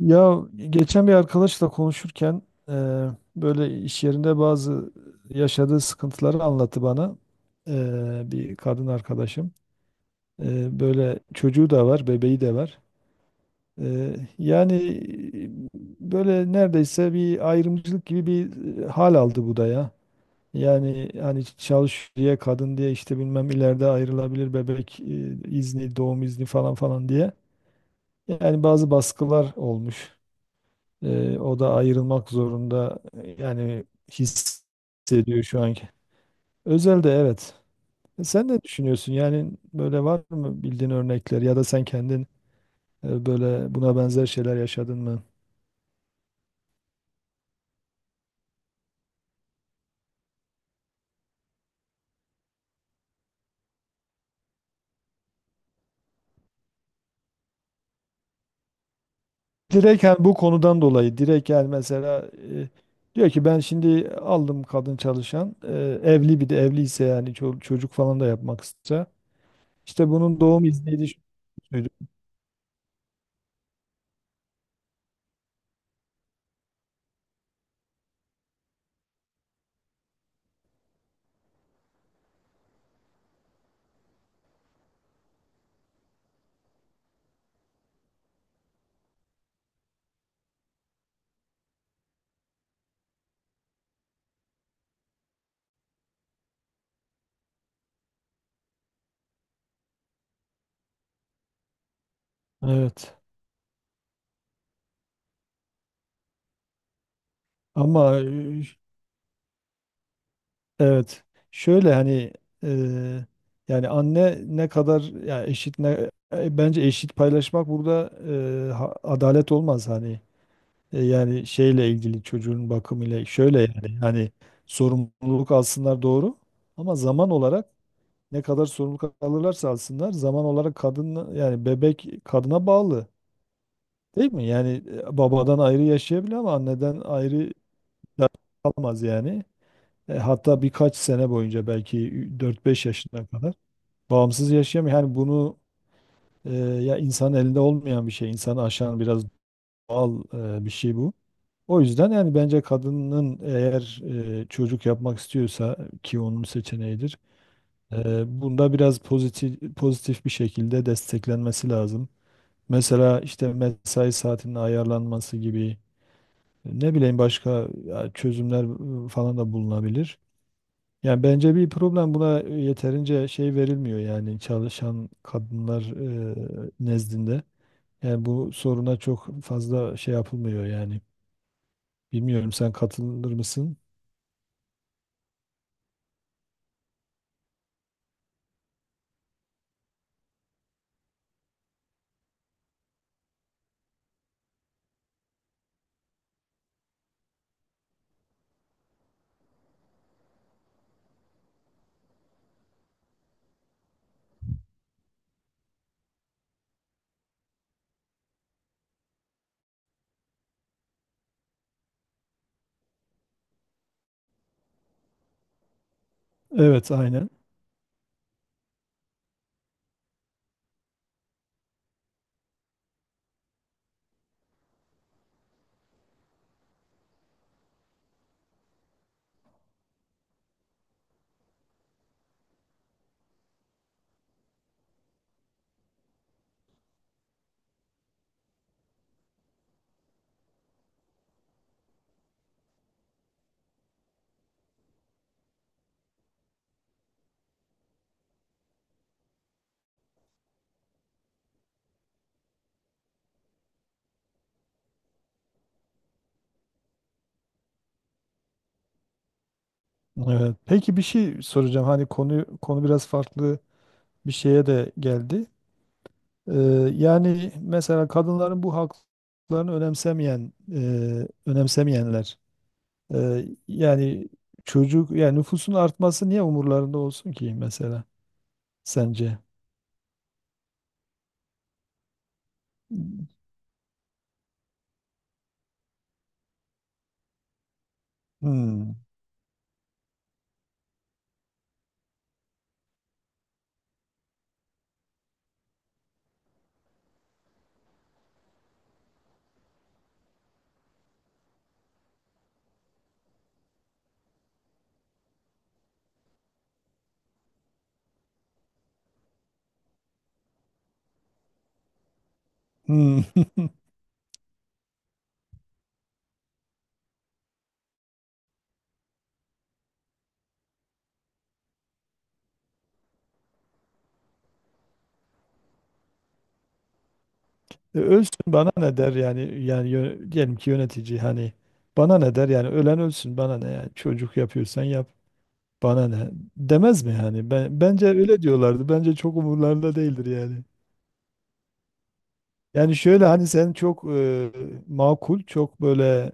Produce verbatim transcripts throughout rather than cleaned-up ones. Ya geçen bir arkadaşla konuşurken eee, böyle iş yerinde bazı yaşadığı sıkıntıları anlattı bana. Eee, bir kadın arkadaşım. Eee, böyle çocuğu da var, bebeği de var. Eee, yani böyle neredeyse bir ayrımcılık gibi bir e, hal aldı bu da ya. Yani hani çalış diye, kadın diye, işte bilmem ileride ayrılabilir, bebek e, izni, doğum izni falan falan diye. Yani bazı baskılar olmuş. Ee, o da ayrılmak zorunda yani hissediyor şu anki. Özel de evet. E, Sen ne düşünüyorsun? Yani böyle var mı bildiğin örnekler, ya da sen kendin e, böyle buna benzer şeyler yaşadın mı? Direkt yani bu konudan dolayı direkt, yani mesela e, diyor ki ben şimdi aldım kadın çalışan, e, evli, bir de evliyse yani ço- çocuk falan da yapmak istiyorsa işte bunun doğum izniydi, şuydu. Evet. Ama evet. Şöyle hani eee, yani anne ne kadar ya eşit ne, e, bence eşit paylaşmak burada eee, ha- adalet olmaz hani. E, yani şeyle ilgili, çocuğun bakımıyla şöyle yani hani, sorumluluk alsınlar doğru, ama zaman olarak, ne kadar sorumluluk alırlarsa alsınlar, zaman olarak kadın, yani bebek kadına bağlı, değil mi? Yani e, babadan ayrı yaşayabilir ama anneden ayrı kalamaz yani. E, hatta birkaç sene boyunca, belki dört beş yaşına kadar bağımsız yaşayamıyor. Yani bunu e, ya, insanın elinde olmayan bir şey, insanı aşan biraz doğal e, bir şey bu. O yüzden yani, bence kadının eğer e, çocuk yapmak istiyorsa, ki onun seçeneğidir, e, bunda biraz pozitif pozitif bir şekilde desteklenmesi lazım. Mesela işte mesai saatinin ayarlanması gibi, ne bileyim başka ya, çözümler e, falan da bulunabilir. Yani bence bir problem, buna e, yeterince şey verilmiyor yani, çalışan kadınlar e, nezdinde. Yani bu soruna çok fazla şey yapılmıyor yani. Bilmiyorum, sen katılır mısın? Evet aynen. Evet. Peki bir şey soracağım. Hani konu konu biraz farklı bir şeye de geldi. Ee, yani mesela kadınların bu haklarını önemsemeyen, e, önemsemeyenler, e, yani çocuk, yani nüfusun artması niye umurlarında olsun ki mesela? sence? Hmm. Hmm. E, Ölsün bana ne, der yani yani yö- diyelim ki yönetici, hani bana ne der yani, ölen ölsün bana ne, yani çocuk yapıyorsan yap, bana ne, demez mi yani? Ben bence öyle diyorlardı, bence çok umurlarında değildir yani. Yani şöyle hani, sen çok e, makul, çok böyle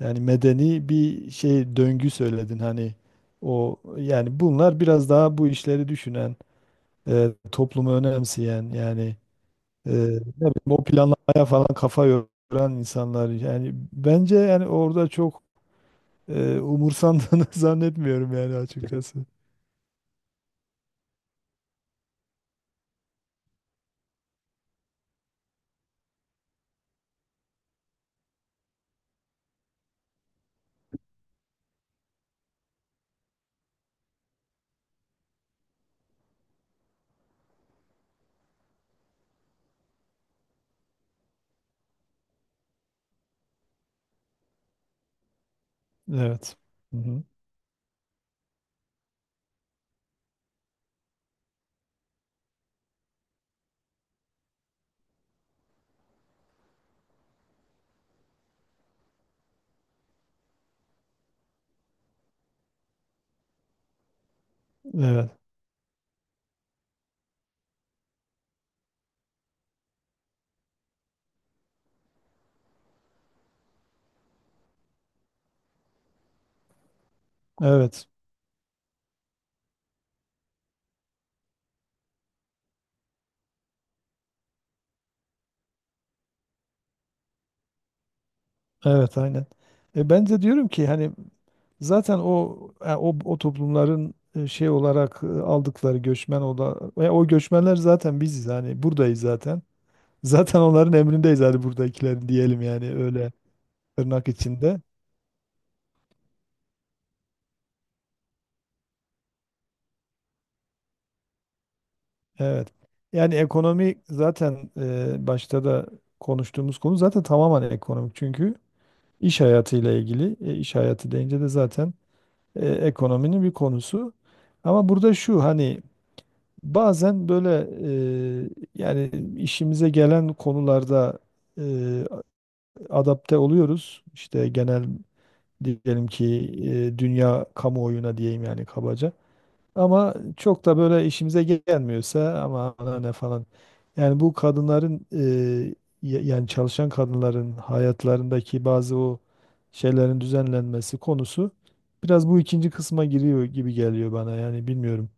yani medeni bir şey döngü söyledin hani. O yani, bunlar biraz daha bu işleri düşünen, e, toplumu önemseyen yani. Ee, ne bileyim, o planlamaya falan kafa yoran insanlar yani, bence yani orada çok e, umursandığını zannetmiyorum yani, açıkçası. Evet. Hı hı. Evet. Evet. Evet aynen. E, ben de diyorum ki hani, zaten o yani o, o toplumların e, şey olarak e, aldıkları göçmen, o da e, o göçmenler zaten biziz, hani buradayız zaten. Zaten onların emrindeyiz, hani buradakilerin diyelim yani, öyle tırnak içinde. Evet. Yani ekonomi zaten e, başta da konuştuğumuz konu zaten tamamen ekonomik. Çünkü iş hayatıyla ilgili, e, iş hayatı deyince de zaten e, ekonominin bir konusu. Ama burada şu hani, bazen böyle e, yani işimize gelen konularda e, adapte oluyoruz. İşte genel, diyelim ki e, dünya kamuoyuna diyeyim yani, kabaca. Ama çok da böyle işimize gelmiyorsa, ama ana ne falan. Yani bu kadınların, e, ya- yani çalışan kadınların hayatlarındaki bazı o şeylerin düzenlenmesi konusu biraz bu ikinci kısma giriyor gibi geliyor bana. Yani bilmiyorum.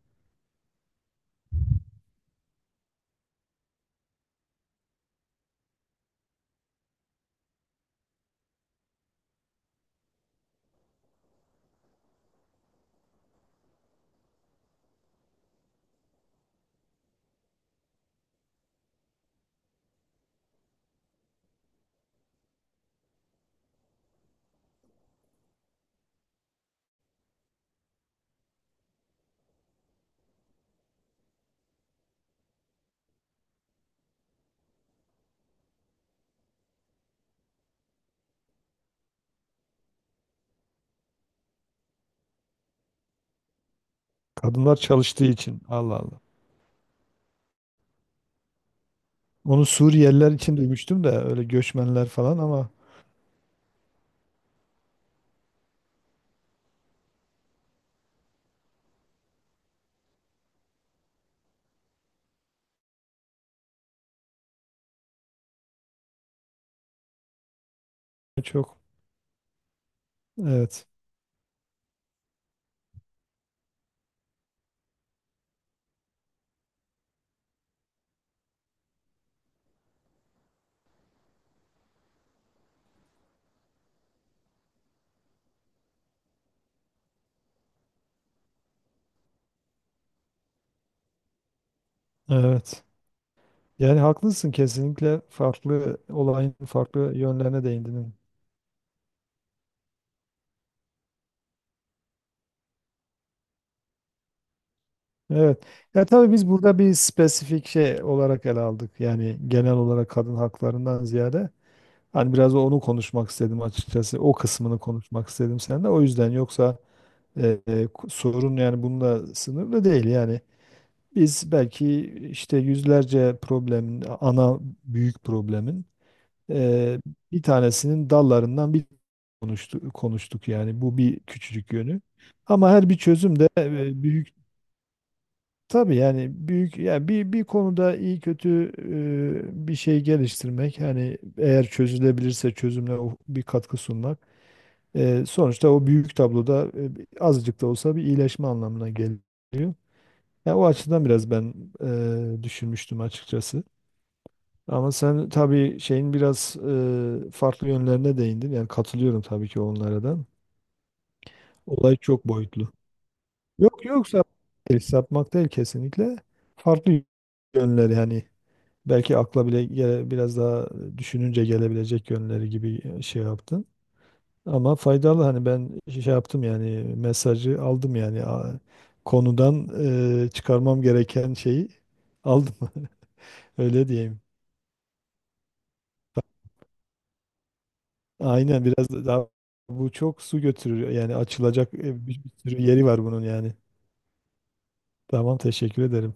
Kadınlar çalıştığı için. Allah Allah. Onu Suriyeliler için duymuştum da, öyle göçmenler falan ama, çok evet. Evet. Yani haklısın, kesinlikle farklı, olayın farklı yönlerine değindin. Evet. Ya tabii, biz burada bir spesifik şey olarak ele aldık. Yani genel olarak kadın haklarından ziyade hani, biraz onu konuşmak istedim açıkçası. O kısmını konuşmak istedim seninle. O yüzden yoksa e, e, ku- sorun yani bununla sınırlı değil. Yani biz belki işte yüzlerce problemin, ana büyük problemin e, bir tanesinin dallarından bir konuştuk, konuştuk yani, bu bir küçücük yönü. Ama her bir çözüm de e, büyük. Tabii yani büyük yani, bir bir konuda iyi kötü e, bir şey geliştirmek hani, eğer çözülebilirse çözümle o- bir katkı sunmak e, sonuçta o büyük tabloda e, bir- azıcık da olsa bir iyileşme anlamına geliyor. Ya o açıdan biraz ben e, düşünmüştüm açıkçası. Ama sen tabii şeyin biraz e, farklı yönlerine değindin. Yani katılıyorum tabii ki onlara da. Olay çok boyutlu. Yok yok, sapmak değil, sapmak değil kesinlikle. Farklı yönleri yani. Belki akla bile gele- biraz daha düşününce gelebilecek yönleri gibi şey yaptın. Ama faydalı hani, ben şey yaptım yani, mesajı aldım yani. A- konudan e, çıkarmam gereken şeyi aldım. Öyle diyeyim. Aynen, biraz da daha bu çok su götürür yani, açılacak e, bir bir sürü yeri var bunun yani. Tamam, teşekkür ederim.